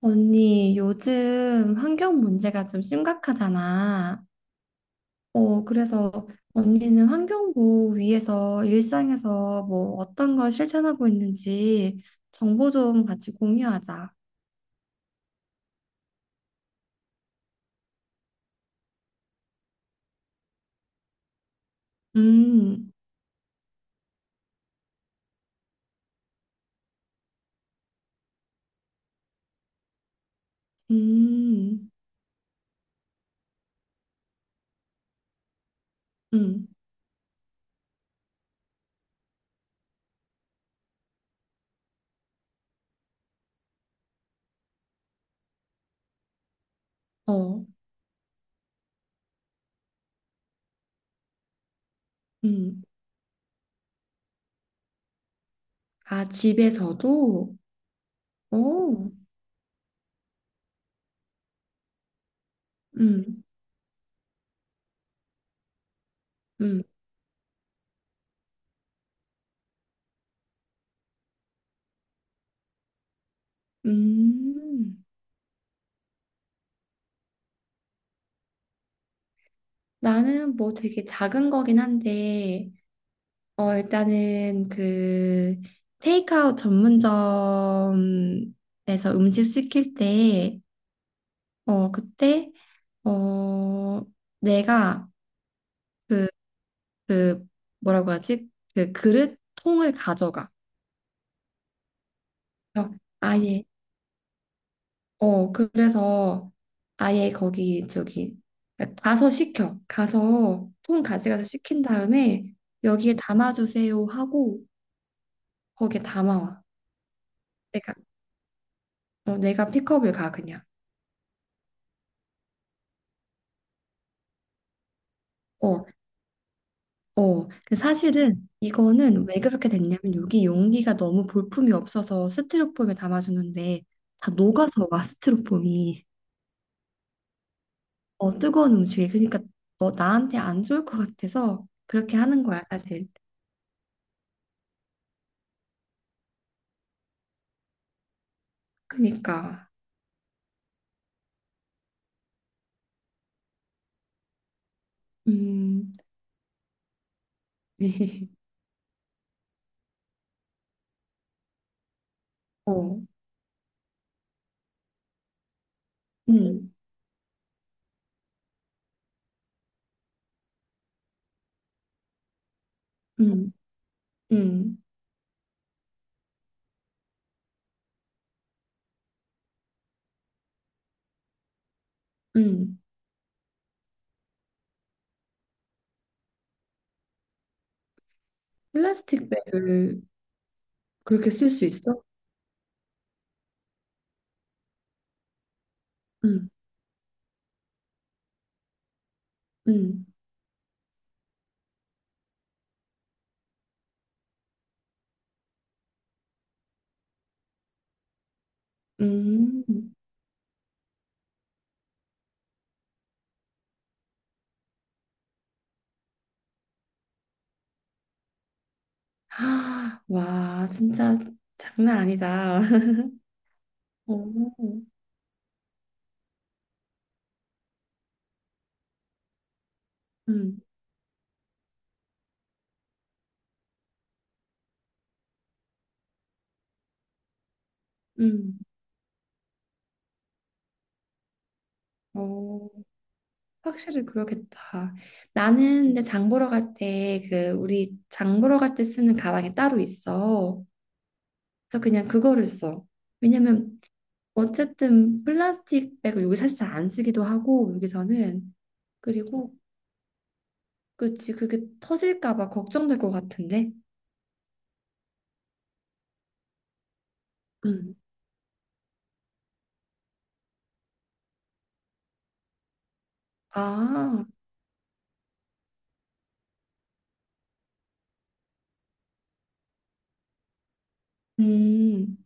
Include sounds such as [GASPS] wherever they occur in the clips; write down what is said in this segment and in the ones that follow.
언니, 요즘 환경 문제가 좀 심각하잖아. 그래서 언니는 환경부 위에서 일상에서 뭐 어떤 걸 실천하고 있는지 정보 좀 같이 공유하자. 음, 음, 음, 어, 음. 아, 집에서도? 오, 음, 음, 음. 나는 뭐 되게 작은 거긴 한데, 일단은 그 테이크아웃 전문점에서 음식 시킬 때, 그때, 어, 내가 그, 그, 뭐라고 하지? 그 그릇 통을 가져가. 그래서 아예, 그래서 아예 거기, 저기, 가서 시켜. 가서 통 가져가서 시킨 다음에 여기에 담아주세요 하고 거기에 담아와. 내가, 내가 픽업을 가, 그냥. 어, 근데 사실은 이거는 왜 그렇게 됐냐면 여기 용기가 너무 볼품이 없어서 스티로폼에 담아주는데 다 녹아서 와 스티로폼이. 어, 뜨거운 음식이 그러니까 너 나한테 안 좋을 것 같아서 그렇게 하는 거야 사실. 그러니까 음, [LAUGHS] 어, 음, 음, 음, 음. 플라스틱 배를 그렇게 쓸 수 있어? 음, 음, 음. [GASPS] 아, 와, 진짜 장난 아니다. [LAUGHS] 오. 음, 음. 어, 확실히 그러겠다. 나는 근데 장 보러 갈 때 그 우리 장 보러 갈 때 쓰는 가방이 따로 있어. 그래서 그냥 그거를 써. 왜냐면 어쨌든 플라스틱 백을 여기 사실 잘 안 쓰기도 하고 여기서는. 그리고 그치 그게 터질까 봐 걱정될 것 같은데. 음. 아, 음,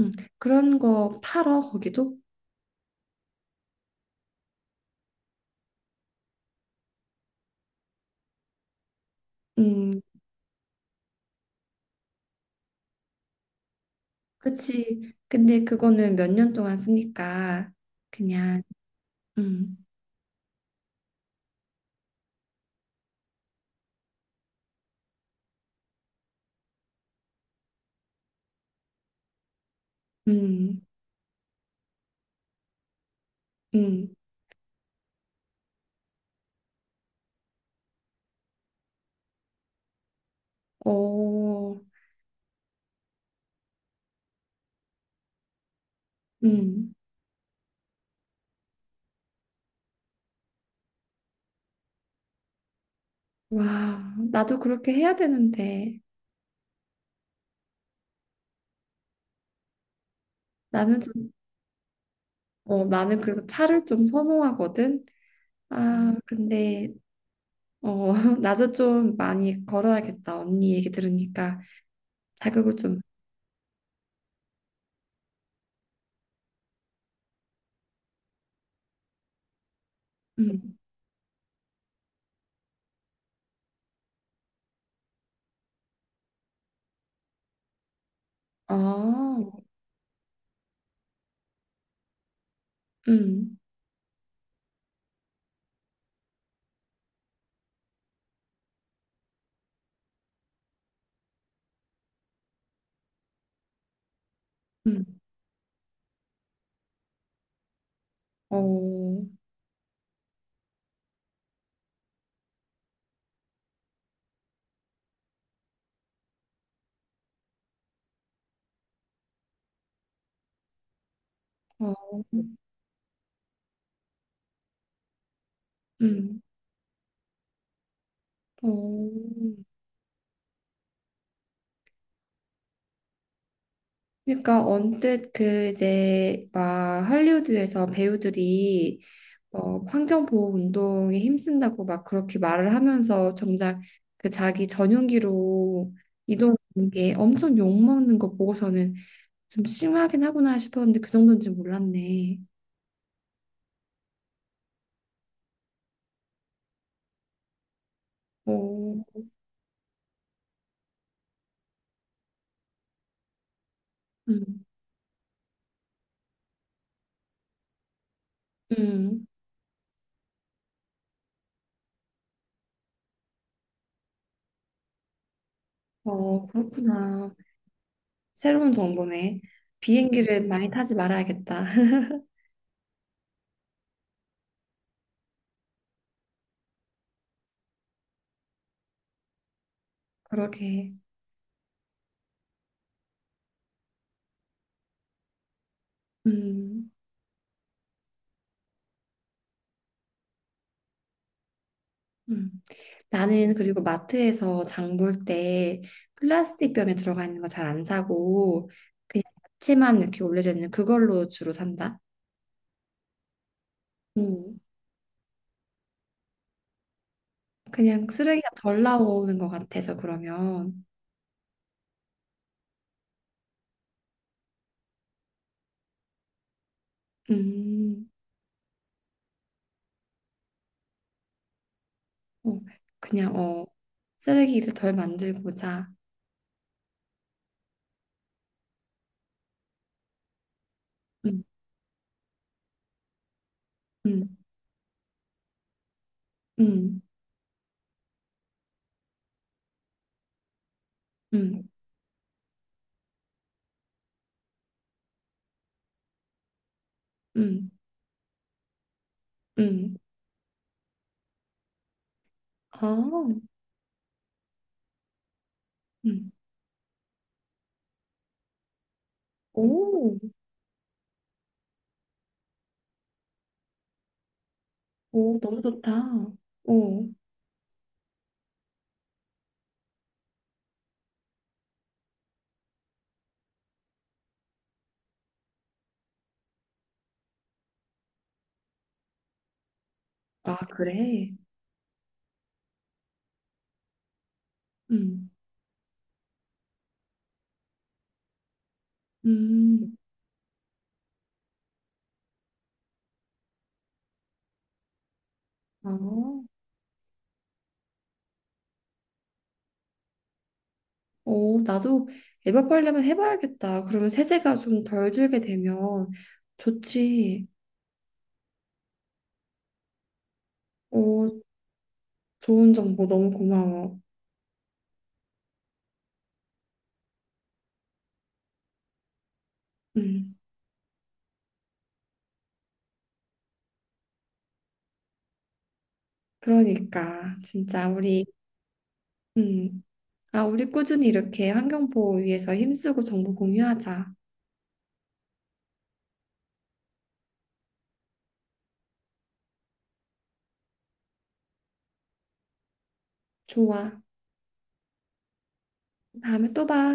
음. 그런 거 팔어 거기도? 음, 그치. 근데 그거는 몇 년 동안 쓰니까 그냥. 음, 음, 음, 오, 음, 와, 나도 그렇게 해야 되는데, 나는 좀, 나는 그래서 차를 좀 선호하거든? 아, 근데, 어, [LAUGHS] 나도 좀 많이 걸어야겠다. 언니 얘기 들으니까 자극을 좀, 음, 아, 음, 음, 어, 어, 음, 어. 그러니까 언뜻 그 이제 막 할리우드에서 배우들이 환경보호 운동에 힘쓴다고 막 그렇게 말을 하면서 정작 그 자기 전용기로 이동하는 게 엄청 욕먹는 거 보고서는 좀 심하긴 하구나 싶었는데 그 정도인지 몰랐네. 어, 음, 음, 어, 그렇구나. 새로운 정보네. 비행기를 많이 타지 말아야겠다. [LAUGHS] 그러게. 음, 음. 나는 그리고 마트에서 장볼 때 플라스틱 병에 들어가 있는 거 잘 안 사고 그냥 야채만 이렇게 올려져 있는 그걸로 주로 산다. 음. 그냥 쓰레기가 덜 나오는 것 같아서 그러면. 음. 어, 그냥 쓰레기를 덜 만들고자. 음. 음. 음. 음. 음. 음. 아. 음. 오. 오, 너무 좋다. 오. 아, 그래. 음. 음. 어. 나도 에버팔레만 해봐야겠다. 그러면 세제가 좀 덜 들게 되면 좋지. 어, 좋은 정보 너무 고마워. 음, 그러니까 진짜 우리 음, 아, 우리 꾸준히 이렇게 환경 보호 위해서 힘쓰고 정보 공유하자. 좋아. 다음에 또 봐.